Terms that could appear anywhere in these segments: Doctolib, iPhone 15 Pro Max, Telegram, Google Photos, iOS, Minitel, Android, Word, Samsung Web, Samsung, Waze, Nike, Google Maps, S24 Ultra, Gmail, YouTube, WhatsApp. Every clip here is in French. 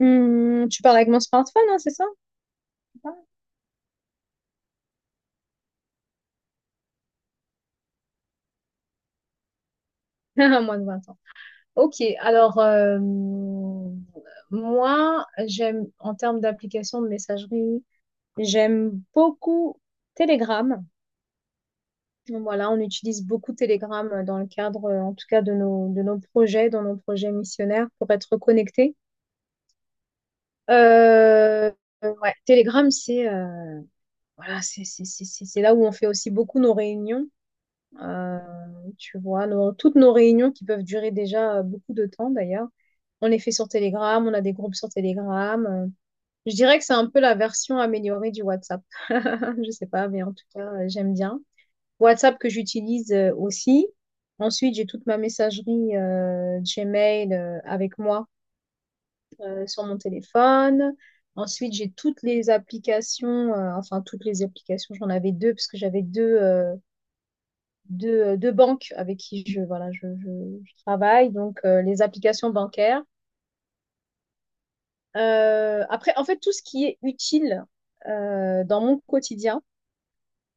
Hmm, tu parles avec mon smartphone, hein, c'est ça? À moins de 20 ans. Ok, alors moi, j'aime, en termes d'application de messagerie, j'aime beaucoup Telegram. Voilà, on utilise beaucoup Telegram dans le cadre, en tout cas, de nos projets, dans nos projets missionnaires pour être connectés. Euh, ouais, Telegram, c'est voilà, c'est là où on fait aussi beaucoup nos réunions. Euh, Tu vois, toutes nos réunions qui peuvent durer déjà beaucoup de temps d'ailleurs, on les fait sur Telegram, on a des groupes sur Telegram. Je dirais que c'est un peu la version améliorée du WhatsApp. Je sais pas, mais en tout cas, j'aime bien. WhatsApp que j'utilise aussi. Ensuite, j'ai toute ma messagerie Gmail avec moi sur mon téléphone. Ensuite, j'ai toutes les applications, enfin toutes les applications, j'en avais deux parce que j'avais deux. De banques avec qui je, voilà, je travaille, donc les applications bancaires. Après, en fait, tout ce qui est utile dans mon quotidien,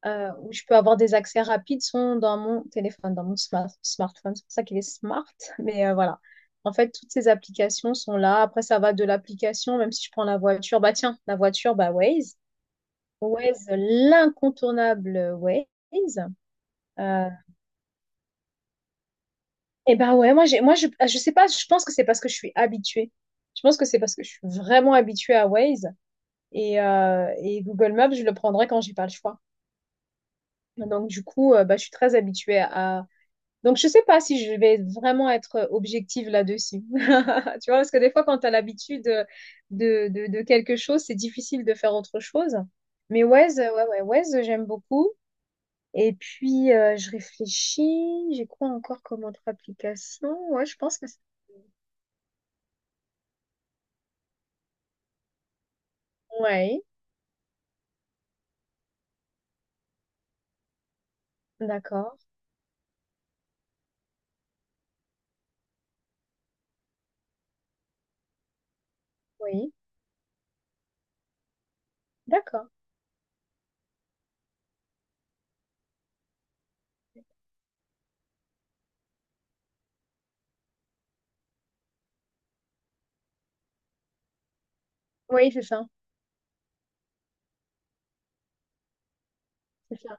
où je peux avoir des accès rapides, sont dans mon téléphone, dans mon smartphone. C'est pour ça qu'il est smart, mais voilà. En fait, toutes ces applications sont là. Après, ça va de l'application, même si je prends la voiture. Bah tiens, la voiture, bah Waze. Waze, l'incontournable Waze. Euh, Et ben ouais, moi je sais pas, je pense que c'est parce que je suis habituée. Je pense que c'est parce que je suis vraiment habituée à Waze et Google Maps, je le prendrai quand j'ai pas le choix. Donc du coup, bah, je suis très habituée à Donc je sais pas si je vais vraiment être objective là-dessus. Tu vois, parce que des fois quand tu as l'habitude de quelque chose, c'est difficile de faire autre chose. Mais Waze, ouais ouais, Waze, j'aime beaucoup. Et puis je réfléchis, j'ai quoi encore comme autre application? Ouais, je pense que c'est. Ouais, d'accord, oui, d'accord. Oui, c'est ça,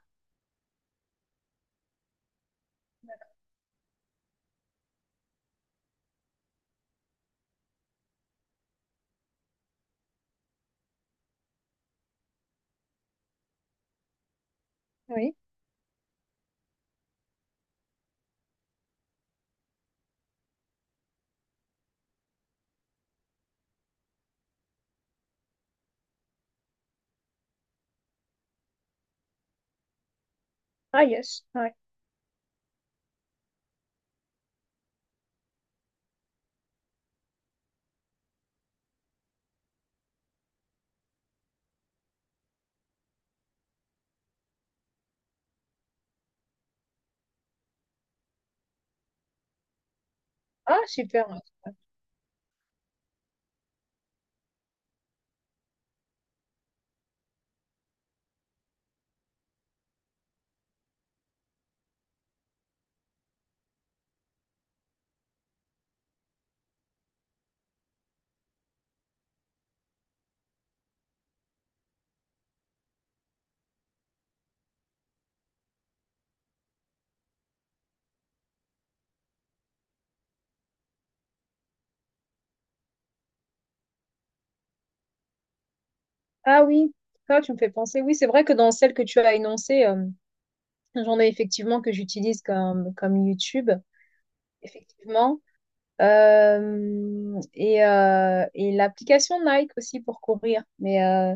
oui. Ah, yes, ouais. Ah, super, ouais, super. Ah oui, ah, tu me fais penser. Oui, c'est vrai que dans celle que tu as énoncée, j'en ai effectivement que j'utilise comme YouTube, effectivement. Et l'application Nike aussi pour courir. Mais euh,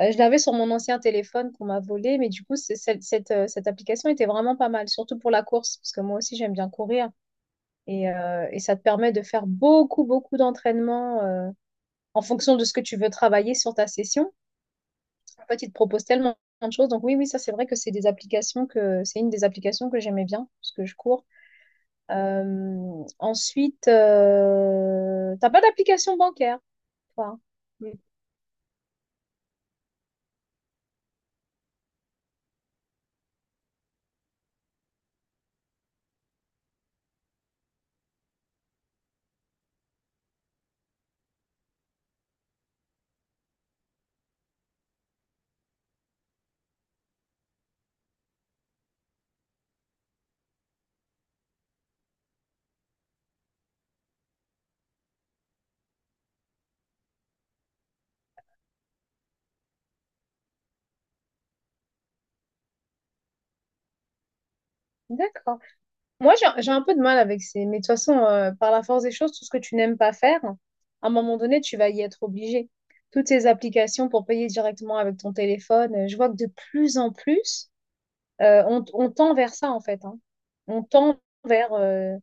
euh, je l'avais sur mon ancien téléphone qu'on m'a volé, mais du coup, cette application était vraiment pas mal, surtout pour la course, parce que moi aussi, j'aime bien courir. Et ça te permet de faire beaucoup, beaucoup d'entraînements en fonction de ce que tu veux travailler sur ta session. En fait, il te propose tellement de choses. Donc oui, oui, ça c'est vrai que c'est des applications que c'est une des applications que j'aimais bien parce que je cours. Ensuite, t'as pas d'application bancaire, toi? Oui. D'accord. Moi, j'ai un peu de mal avec ces. Mais de toute façon, par la force des choses, tout ce que tu n'aimes pas faire, à un moment donné, tu vas y être obligé. Toutes ces applications pour payer directement avec ton téléphone, je vois que de plus en plus, on tend vers ça, en fait, hein. On tend vers. euh,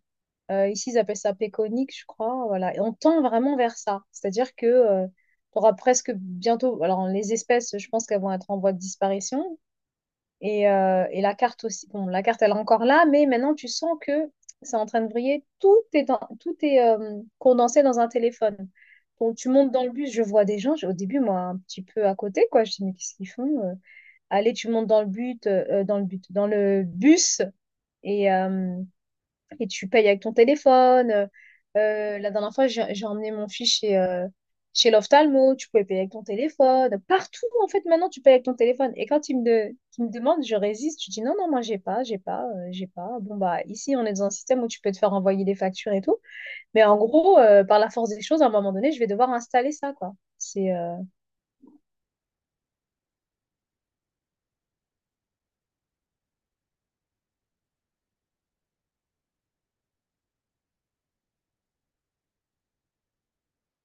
euh, ici, ils appellent ça péconique, je crois. Voilà. Et on tend vraiment vers ça. C'est-à-dire que tu auras presque bientôt, alors les espèces, je pense qu'elles vont être en voie de disparition, et la carte aussi, bon, la carte, elle est encore là, mais maintenant, tu sens que c'est en train de briller. Tout est condensé dans un téléphone. Donc, tu montes dans le bus, je vois des gens, au début, moi, un petit peu à côté, quoi. Je dis, mais qu'est-ce qu'ils font? Allez, tu montes dans le bus, et, euh, et tu payes avec ton téléphone. La dernière fois, j'ai emmené mon fils chez, chez l'ophtalmo, tu pouvais payer avec ton téléphone. Partout, en fait, maintenant, tu payes avec ton téléphone. Et quand il me demande, je résiste, je dis non, non, moi, j'ai pas, j'ai pas, j'ai pas. Bon, bah, ici, on est dans un système où tu peux te faire envoyer des factures et tout. Mais en gros, par la force des choses, à un moment donné, je vais devoir installer ça, quoi. C'est.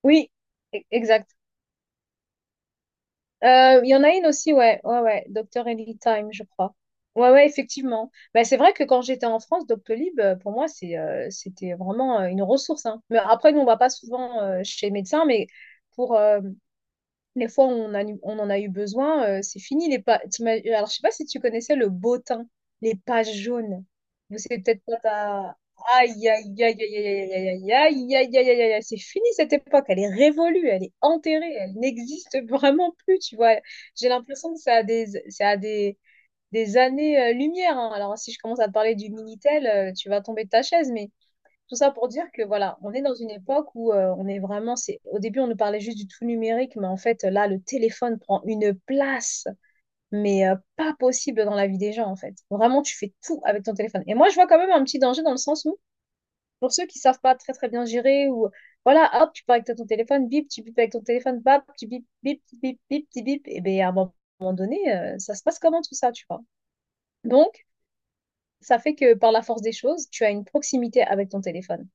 Oui, exact. Il y en a une aussi, ouais, ouais, ouais, docteur Ellie Time, je crois. Ouais, ouais, effectivement. Bah, c'est vrai que quand j'étais en France, Doctolib, pour moi, c'était vraiment une ressource, hein. Mais après, nous, on va pas souvent chez les médecins, mais pour, les fois où on en a eu besoin, c'est fini. Alors, je sais pas si tu connaissais le bottin, les pages jaunes. Vous savez peut-être pas ta. Aïe, aïe, aïe, aïe, aïe, aïe, aïe, aïe, aïe, aïe, aïe, aïe, aïe, c'est fini cette époque. Elle est révolue, elle est enterrée, elle n'existe vraiment plus, tu vois. J'ai l'impression que ça a des années-lumière. Alors, si je commence à te parler du Minitel, tu vas tomber de ta chaise, mais tout ça pour dire que voilà, on est dans une époque où on est vraiment, c'est au début on nous parlait juste du tout numérique, mais en fait là le téléphone prend une place, mais pas possible dans la vie des gens en fait. Vraiment tu fais tout avec ton téléphone. Et moi je vois quand même un petit danger dans le sens où pour ceux qui savent pas très très bien gérer ou voilà hop tu parles avec ton téléphone, bip tu bip avec ton téléphone, bap tu bip bip bip bip bip, bip et bien à un moment donné ça se passe comment tout ça tu vois. Donc ça fait que par la force des choses, tu as une proximité avec ton téléphone.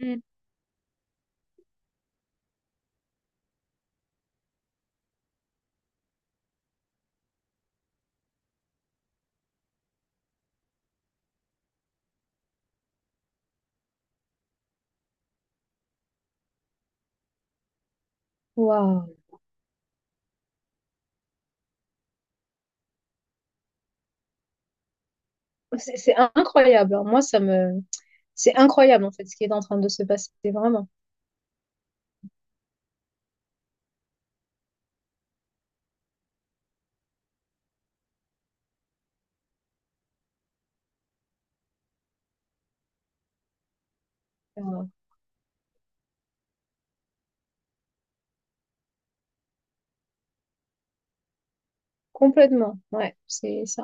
Mm. Waouh. C'est incroyable, hein. Moi, ça me. C'est incroyable, en fait, ce qui est en train de se passer, vraiment. Euh, complètement. Ouais, c'est